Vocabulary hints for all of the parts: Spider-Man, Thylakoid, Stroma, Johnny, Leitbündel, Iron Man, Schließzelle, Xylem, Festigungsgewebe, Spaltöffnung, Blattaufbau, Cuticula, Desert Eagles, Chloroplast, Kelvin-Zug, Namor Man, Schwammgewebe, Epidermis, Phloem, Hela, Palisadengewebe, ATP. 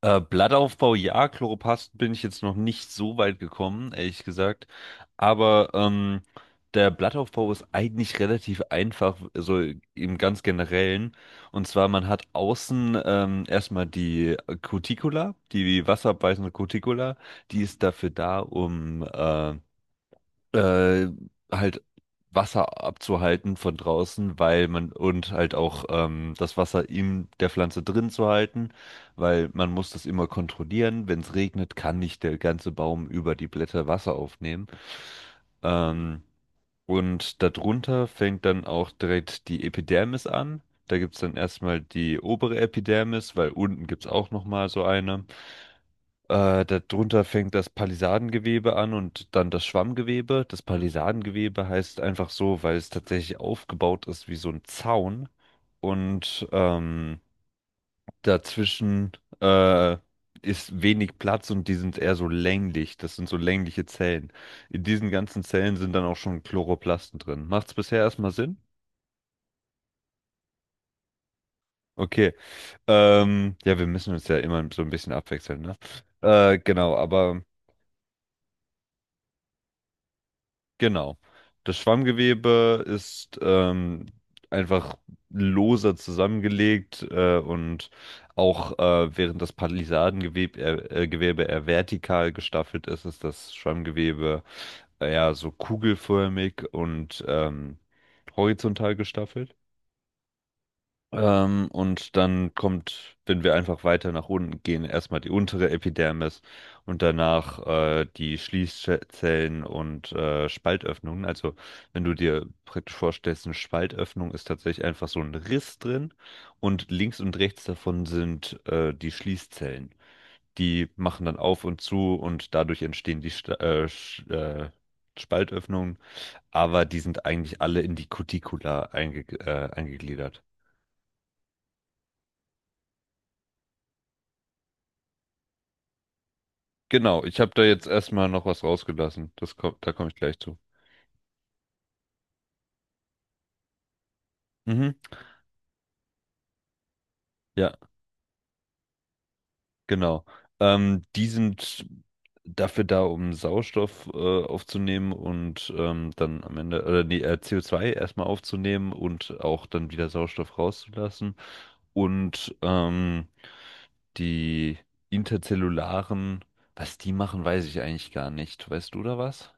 Blattaufbau, ja, Chloroplasten bin ich jetzt noch nicht so weit gekommen, ehrlich gesagt. Aber der Blattaufbau ist eigentlich relativ einfach, so im ganz Generellen. Und zwar, man hat außen erstmal die Cuticula, die wasserabweisende Cuticula. Die ist dafür da, um äh, halt Wasser abzuhalten von draußen, weil man und halt auch das Wasser in der Pflanze drin zu halten, weil man muss das immer kontrollieren. Wenn es regnet, kann nicht der ganze Baum über die Blätter Wasser aufnehmen. Ähm, und darunter fängt dann auch direkt die Epidermis an. Da gibt es dann erstmal die obere Epidermis, weil unten gibt es auch nochmal so eine. Darunter fängt das Palisadengewebe an und dann das Schwammgewebe. Das Palisadengewebe heißt einfach so, weil es tatsächlich aufgebaut ist wie so ein Zaun und dazwischen äh, ist wenig Platz und die sind eher so länglich. Das sind so längliche Zellen. In diesen ganzen Zellen sind dann auch schon Chloroplasten drin. Macht's bisher erstmal Sinn? Okay. Ja, wir müssen uns ja immer so ein bisschen abwechseln, ne? Genau, aber. Genau. Das Schwammgewebe ist einfach loser zusammengelegt und auch während das Palisadengewebe eher, Gewebe eher vertikal gestaffelt ist, ist das Schwammgewebe eher so kugelförmig und horizontal gestaffelt. Und dann kommt, wenn wir einfach weiter nach unten gehen, erstmal die untere Epidermis und danach die Schließzellen und Spaltöffnungen. Also wenn du dir praktisch vorstellst, eine Spaltöffnung ist tatsächlich einfach so ein Riss drin und links und rechts davon sind die Schließzellen. Die machen dann auf und zu und dadurch entstehen die Sta Sch Spaltöffnungen, aber die sind eigentlich alle in die Cuticula eingegliedert. Genau, ich habe da jetzt erstmal noch was rausgelassen. Das kommt, da komme ich gleich zu. Mhm. Ja, genau. Die sind dafür da, um Sauerstoff aufzunehmen und dann am Ende, nee, CO2 erstmal aufzunehmen und auch dann wieder Sauerstoff rauszulassen. Und die interzellularen, was die machen, weiß ich eigentlich gar nicht. Weißt du da was?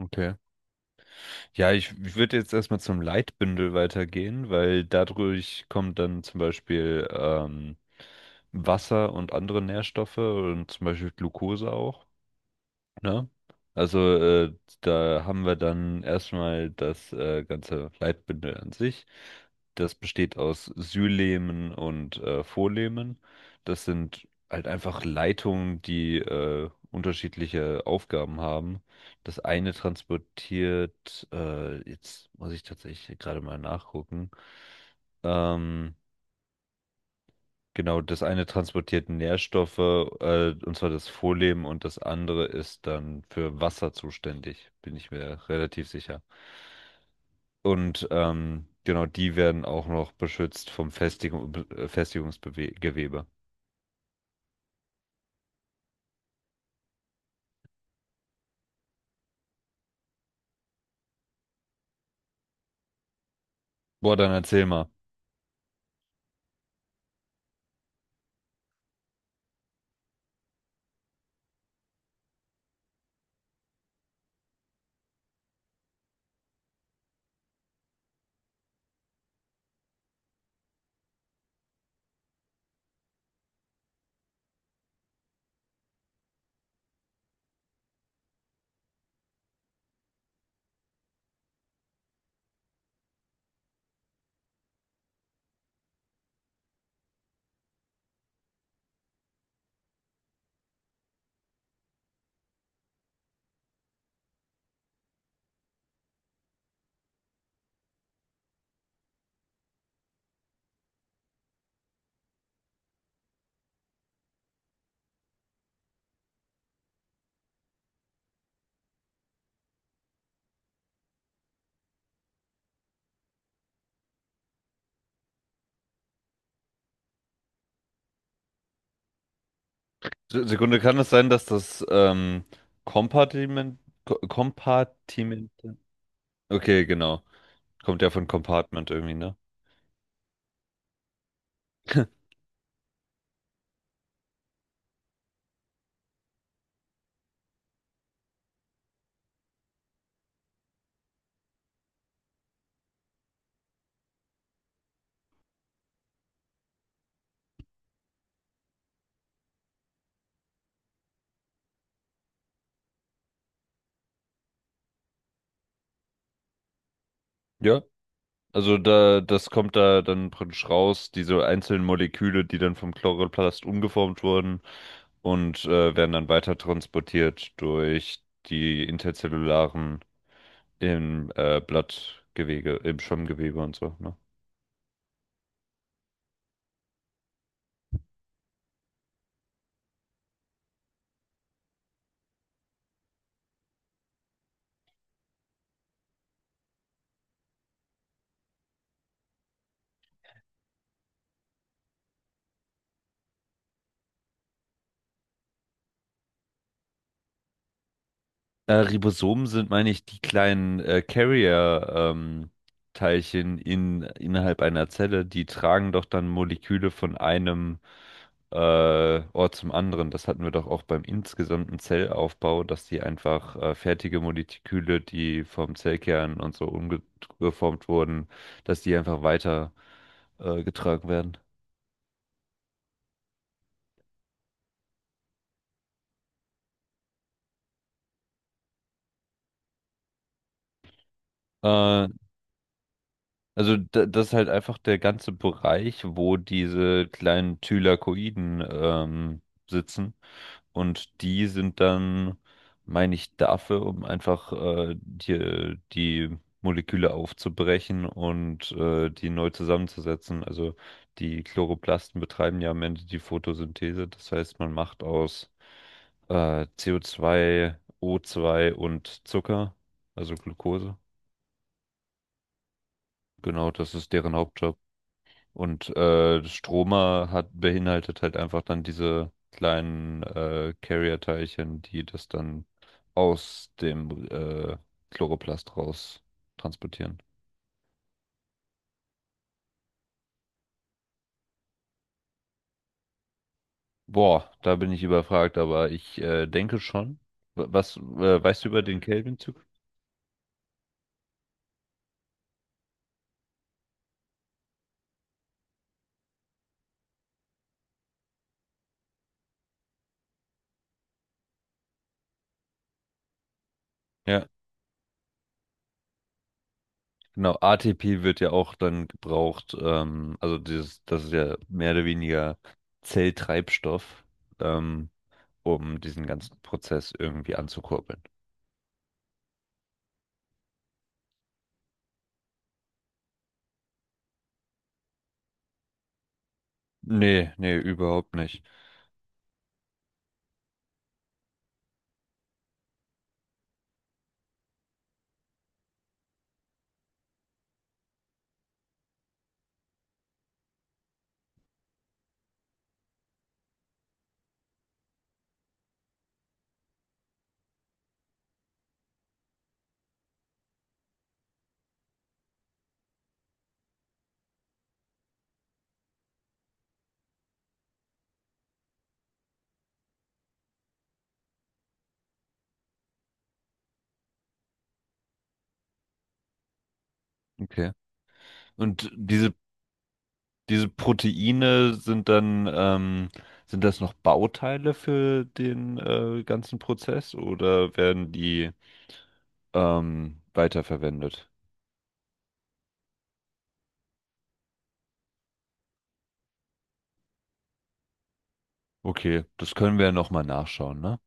Okay. Ja, ich würde jetzt erstmal zum Leitbündel weitergehen, weil dadurch kommt dann zum Beispiel Wasser und andere Nährstoffe und zum Beispiel Glucose auch. Ne? Also da haben wir dann erstmal das ganze Leitbündel an sich. Das besteht aus Sylemen und Vorlehmen. Das sind halt einfach Leitungen, die unterschiedliche Aufgaben haben. Das eine transportiert, jetzt muss ich tatsächlich gerade mal nachgucken. Ähm, Genau, das eine transportiert Nährstoffe, und zwar das Vorleben, und das andere ist dann für Wasser zuständig, bin ich mir relativ sicher. Und genau, die werden auch noch beschützt vom Festigungsgewebe. Boah, dann erzähl mal. Sekunde, kann es sein, dass das Kompartiment, Kompartiment, okay, genau, kommt ja von Compartment irgendwie, ne? Ja. Also da, das kommt da dann praktisch raus, diese einzelnen Moleküle, die dann vom Chloroplast umgeformt wurden und werden dann weiter transportiert durch die interzellularen im Blattgewebe, im Schwammgewebe und so, ne? Ribosomen sind, meine ich, die kleinen Carrier-Teilchen innerhalb einer Zelle, die tragen doch dann Moleküle von einem Ort zum anderen. Das hatten wir doch auch beim insgesamten Zellaufbau, dass die einfach fertige Moleküle, die vom Zellkern und so umgeformt wurden, dass die einfach weiter getragen werden. Äh, Also da, das ist halt einfach der ganze Bereich, wo diese kleinen Thylakoiden sitzen. Und die sind dann, meine ich, dafür, um einfach die Moleküle aufzubrechen und die neu zusammenzusetzen. Also die Chloroplasten betreiben ja am Ende die Photosynthese. Das heißt, man macht aus CO2, O2 und Zucker, also Glucose. Genau, das ist deren Hauptjob. Und Stromer hat beinhaltet halt einfach dann diese kleinen Carrier-Teilchen, die das dann aus dem Chloroplast raus transportieren. Boah, da bin ich überfragt, aber ich denke schon. Was weißt du über den Kelvin-Zug? Ja, genau. ATP wird ja auch dann gebraucht. Also dieses, das ist ja mehr oder weniger Zelltreibstoff, ähm, um diesen ganzen Prozess irgendwie anzukurbeln. Nee, nee, überhaupt nicht. Okay. Und diese, diese Proteine sind dann, sind das noch Bauteile für den, ganzen Prozess oder werden die, weiterverwendet? Okay, das können wir ja nochmal nachschauen, ne?